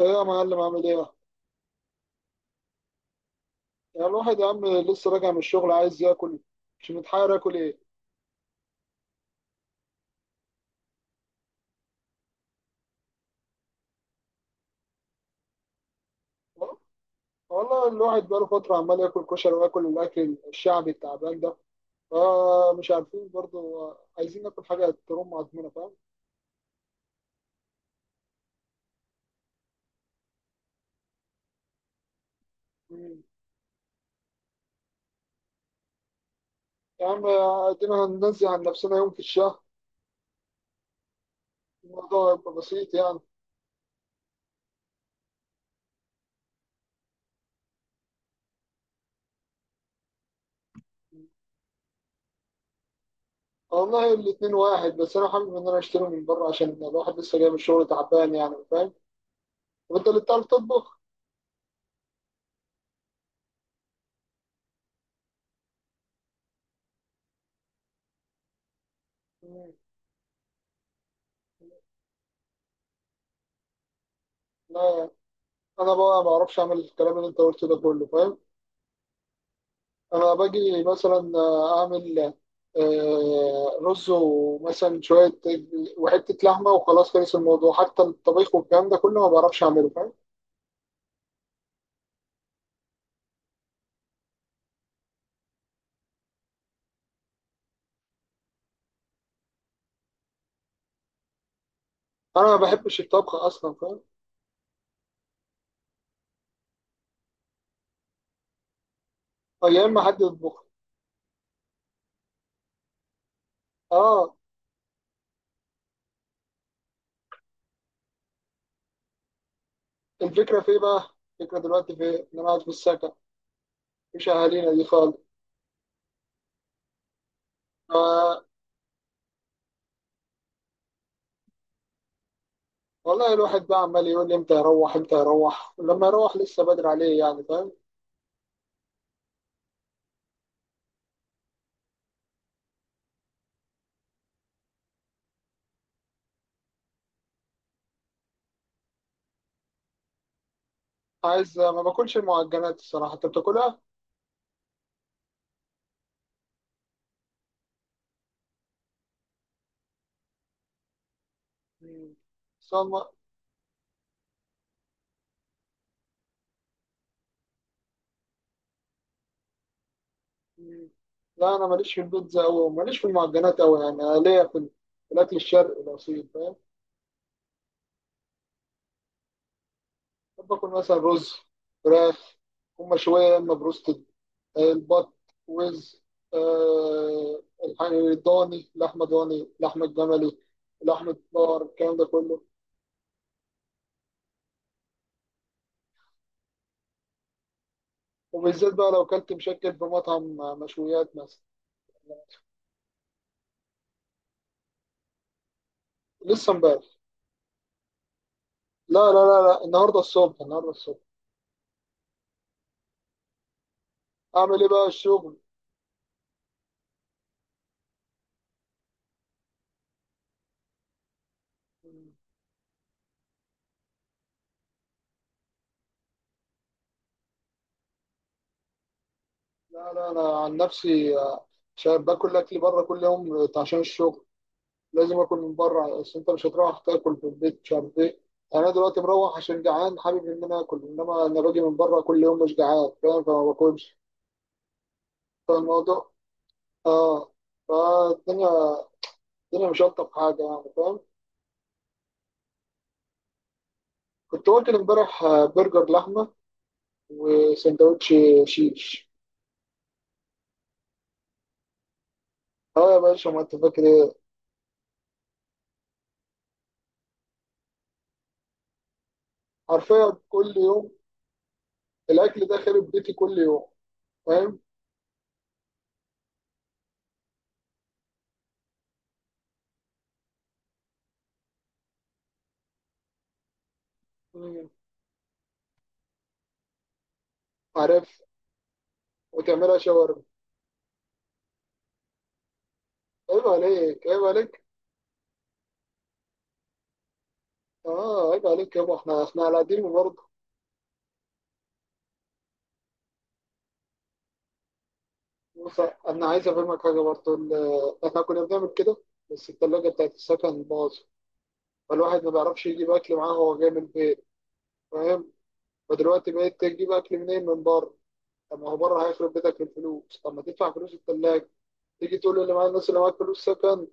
ايه يا معلم عامل ايه؟ يعني الواحد يا عم لسه راجع من الشغل عايز ياكل، مش متحير ياكل ايه؟ والله الواحد بقاله فترة عمال ياكل كشري وياكل الأكل الشعبي التعبان ده، فمش عارفين برضه، عايزين ناكل حاجة ترم عضمنا، فاهم؟ مم. يا عم ادينا هننزل عن نفسنا يوم في الشهر، الموضوع هيبقى بسيط يعني. والله الاتنين واحد، بس أنا حابب إن أنا أشتري من بره عشان الواحد لسه جاي من الشغل تعبان يعني، فاهم؟ طب أنت اللي بتعرف تطبخ؟ مم. لا أنا بقى ما أعرفش أعمل الكلام اللي أنت قلته ده كله، فاهم؟ انا باجي مثلا اعمل رز ومثلا شويه وحته لحمه وخلاص، خلص الموضوع. حتى الطبيخ والكلام ده كله ما بعرفش اعمله، فاهم. انا ما بحبش الطبخ اصلا، فاهم. أو يا اما حد يطبخ. اه. الفكره في ايه بقى، الفكره دلوقتي في ايه، ان انا قاعد في السكن مش اهالينا دي خالص. آه. والله الواحد بقى عمال يقول لي امتى يروح امتى يروح، لما يروح لسه بدري عليه يعني، فاهم. عايز، ما باكلش المعجنات، الصراحه انت بتاكلها؟ مم. لا انا ماليش في البيتزا قوي وماليش في المعجنات قوي، يعني أنا ليا في في الاكل الشرقي الاصيل، فاهم. بحب اكل مثلا رز، فراخ، هم شويه، يا اما بروستد، البط، وز، الضاني، لحمه ضاني، لحمه جملي، لحمه بقر، الكلام ده كله. وبالذات بقى لو كلت مشكل في مطعم، مشويات مثلا. لسه امبارح. لا، النهارده الصبح، النهارده الصبح. اعمل ايه بقى، الشغل. لا لا، انا عن نفسي شايف باكل اكل بره كل يوم، عشان الشغل لازم اكل من بره، بس انت مش هتروح تاكل في البيت مش عارف ايه. يعني انا دلوقتي مروح عشان جعان، حابب ان انا اكل، انما انا باجي من بره كل يوم مش جعان، فاهم، فما باكلش. فالموضوع، اه، فالدنيا، الدنيا مش الطف حاجه يعني، فاهم. كنت واكل امبارح برجر لحمه وسندوتش شيش. اه يا باشا، ما انت فاكر ايه. حرفيا كل يوم الاكل ده خارب بيتي، كل يوم، فاهم. مم. عارف. وتعملها شاورما. عيب عليك، عيب عليك. اه عيب عليك يابا، احنا على قديم برضه. بص انا عايز افهمك حاجه برضه، احنا كنا بنعمل كده، بس التلاجه بتاعت السكن باظت، فالواحد ما بيعرفش يجيب اكل معاه هو جاي من البيت، فاهم. فدلوقتي بقيت تجيب اكل منين؟ من بره. طب ما هو بره هيخرب بيتك في الفلوس، طب ما تدفع فلوس التلاجه، تيجي تقول اللي معايا الناس اللي معاك فلوس سكن،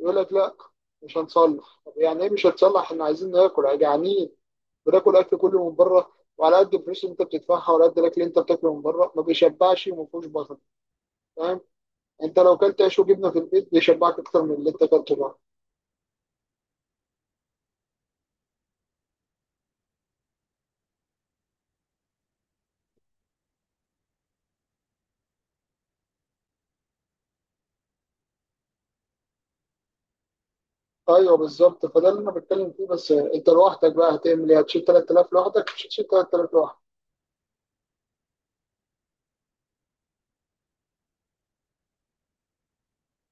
يقول لك لا مش هنصلح. طب يعني ايه مش هتصلح، احنا عايزين ناكل، جعانين. بتاكل اكل كله من بره، وعلى قد الفلوس اللي انت بتدفعها وعلى قد الاكل اللي انت بتاكله من بره ما بيشبعش وما فيهوش بطل، فاهم. انت لو كلت عيش وجبنه في البيت بيشبعك اكتر من اللي انت كلته بره. ايوه بالظبط، فده اللي انا بتكلم فيه. بس انت لوحدك بقى هتعمل ايه، هتشيل 3000 لوحدك؟ مش هتشيل 3000 لوحدك.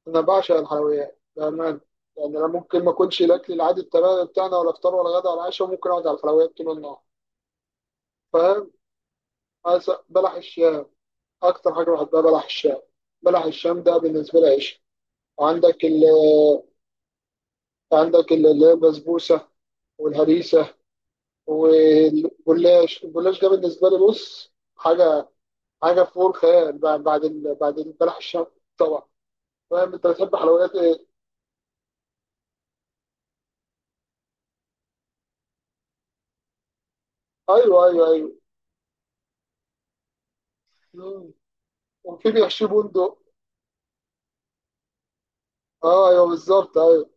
انا بعشق الحلويات بامان. يعني انا ممكن ما اكلش الاكل العادي بتاعنا ولا افطار ولا غدا ولا عشاء، وممكن اقعد على الحلويات طول النهار، فاهم. بلح الشام، اكتر حاجه بحبها بلح الشام. بلح الشام ده بالنسبه لي عيش. وعندك ال- عندك اللي هي البسبوسه والهريسه والجلاش. الجلاش ده بالنسبه لي، بص، حاجه فوق الخيال، بعد البلح الشام طبعا، فاهم. انت بتحب حلويات ايه؟ ايوه، ايوه، ايوه. مم. وفي بيحشي بندق. اه ايوه بالظبط، ايوه.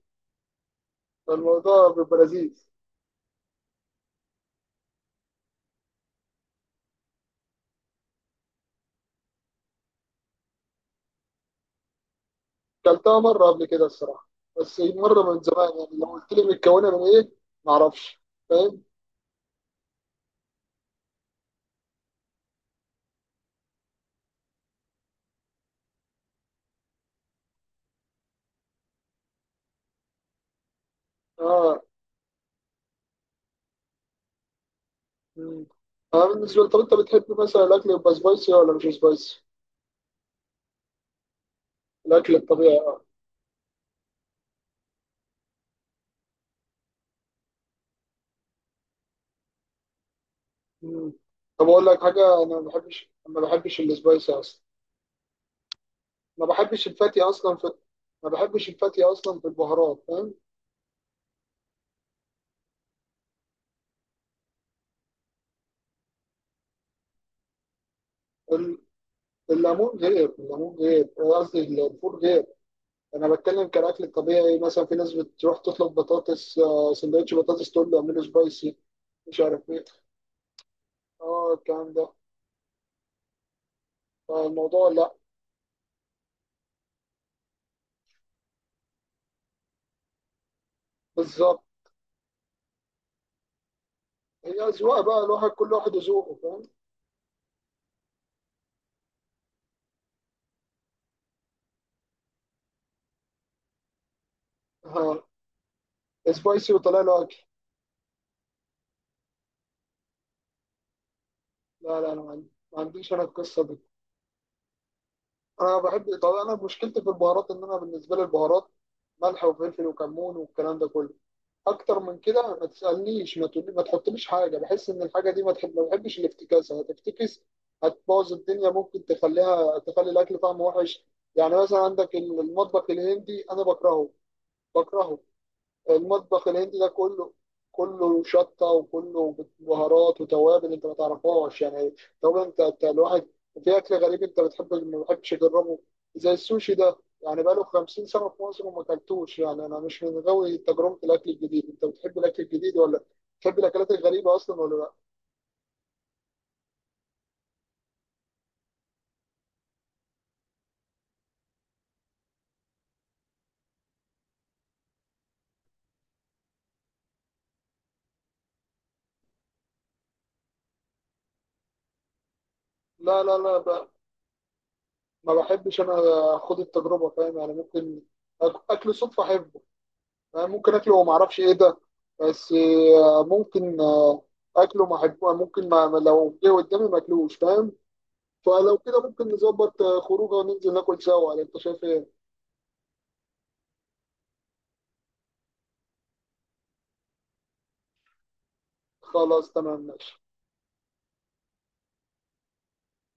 الموضوع بيبقى لذيذ. كلتها مره قبل كده الصراحه، بس مره من زمان يعني، لو قلت لي متكونه من ايه ما اعرفش، فاهم. اه. مم. انا بالنسبه لي، طب انت بتحب مثلا الاكل يبقى سبايسي ولا مش سبايسي؟ الاكل الطبيعي. مم. طب اقول لك حاجه، انا ما بحبش السبايسي اصلا، ما بحبش الفاتي اصلا في، ما بحبش الفاتي اصلا في البهارات، فاهم. ال- الليمون غير، الليمون غير، قصدي الفول غير. انا بتكلم كالاكل الطبيعي، مثلا في ناس بتروح تطلب بطاطس، سندوتش بطاطس تقول له اعمله سبايسي، مش عارف ايه، اه الكلام ده. فالموضوع لا. بالظبط، هي اذواق بقى، الواحد كل واحد وذوقه، فاهم. آه، سبايسي وطلع له اكل. لا لا، انا ما عنديش انا القصه دي. انا بحب، طب انا مشكلتي في البهارات، ان انا بالنسبه لي البهارات ملح وفلفل وكمون والكلام ده كله، اكتر من كده ما تسالنيش، ما تقولي، ما تحطليش حاجه، بحس ان الحاجه دي ما تحب، ما بحبش الافتكاسه، هتفتكس هتبوظ الدنيا، ممكن تخليها تخلي الاكل طعمه وحش. يعني مثلا عندك المطبخ الهندي انا بكرهه، بكرهه المطبخ الهندي ده كله، كله شطه وكله بهارات وتوابل انت ما تعرفهاش يعني. طب انت، انت الواحد في اكل غريب انت بتحب ما بتحبش تجربه؟ زي السوشي ده يعني بقاله 50 سنه في مصر وما اكلتوش يعني، انا مش من غاوي تجربه الاكل الجديد، انت بتحب الاكل الجديد ولا بتحب الاكلات الغريبه اصلا ولا لا؟ لا، ما بحبش انا اخد التجربه، فاهم. يعني ممكن اكل صدفه احبه، ممكن اكله وما اعرفش ايه ده، بس ممكن اكله ما احبه، ممكن لو جه قدامي ما اكلوش، فاهم. فلو كده ممكن نظبط خروجه وننزل ناكل سوا، ولا انت شايف ايه؟ خلاص تمام، ماشي.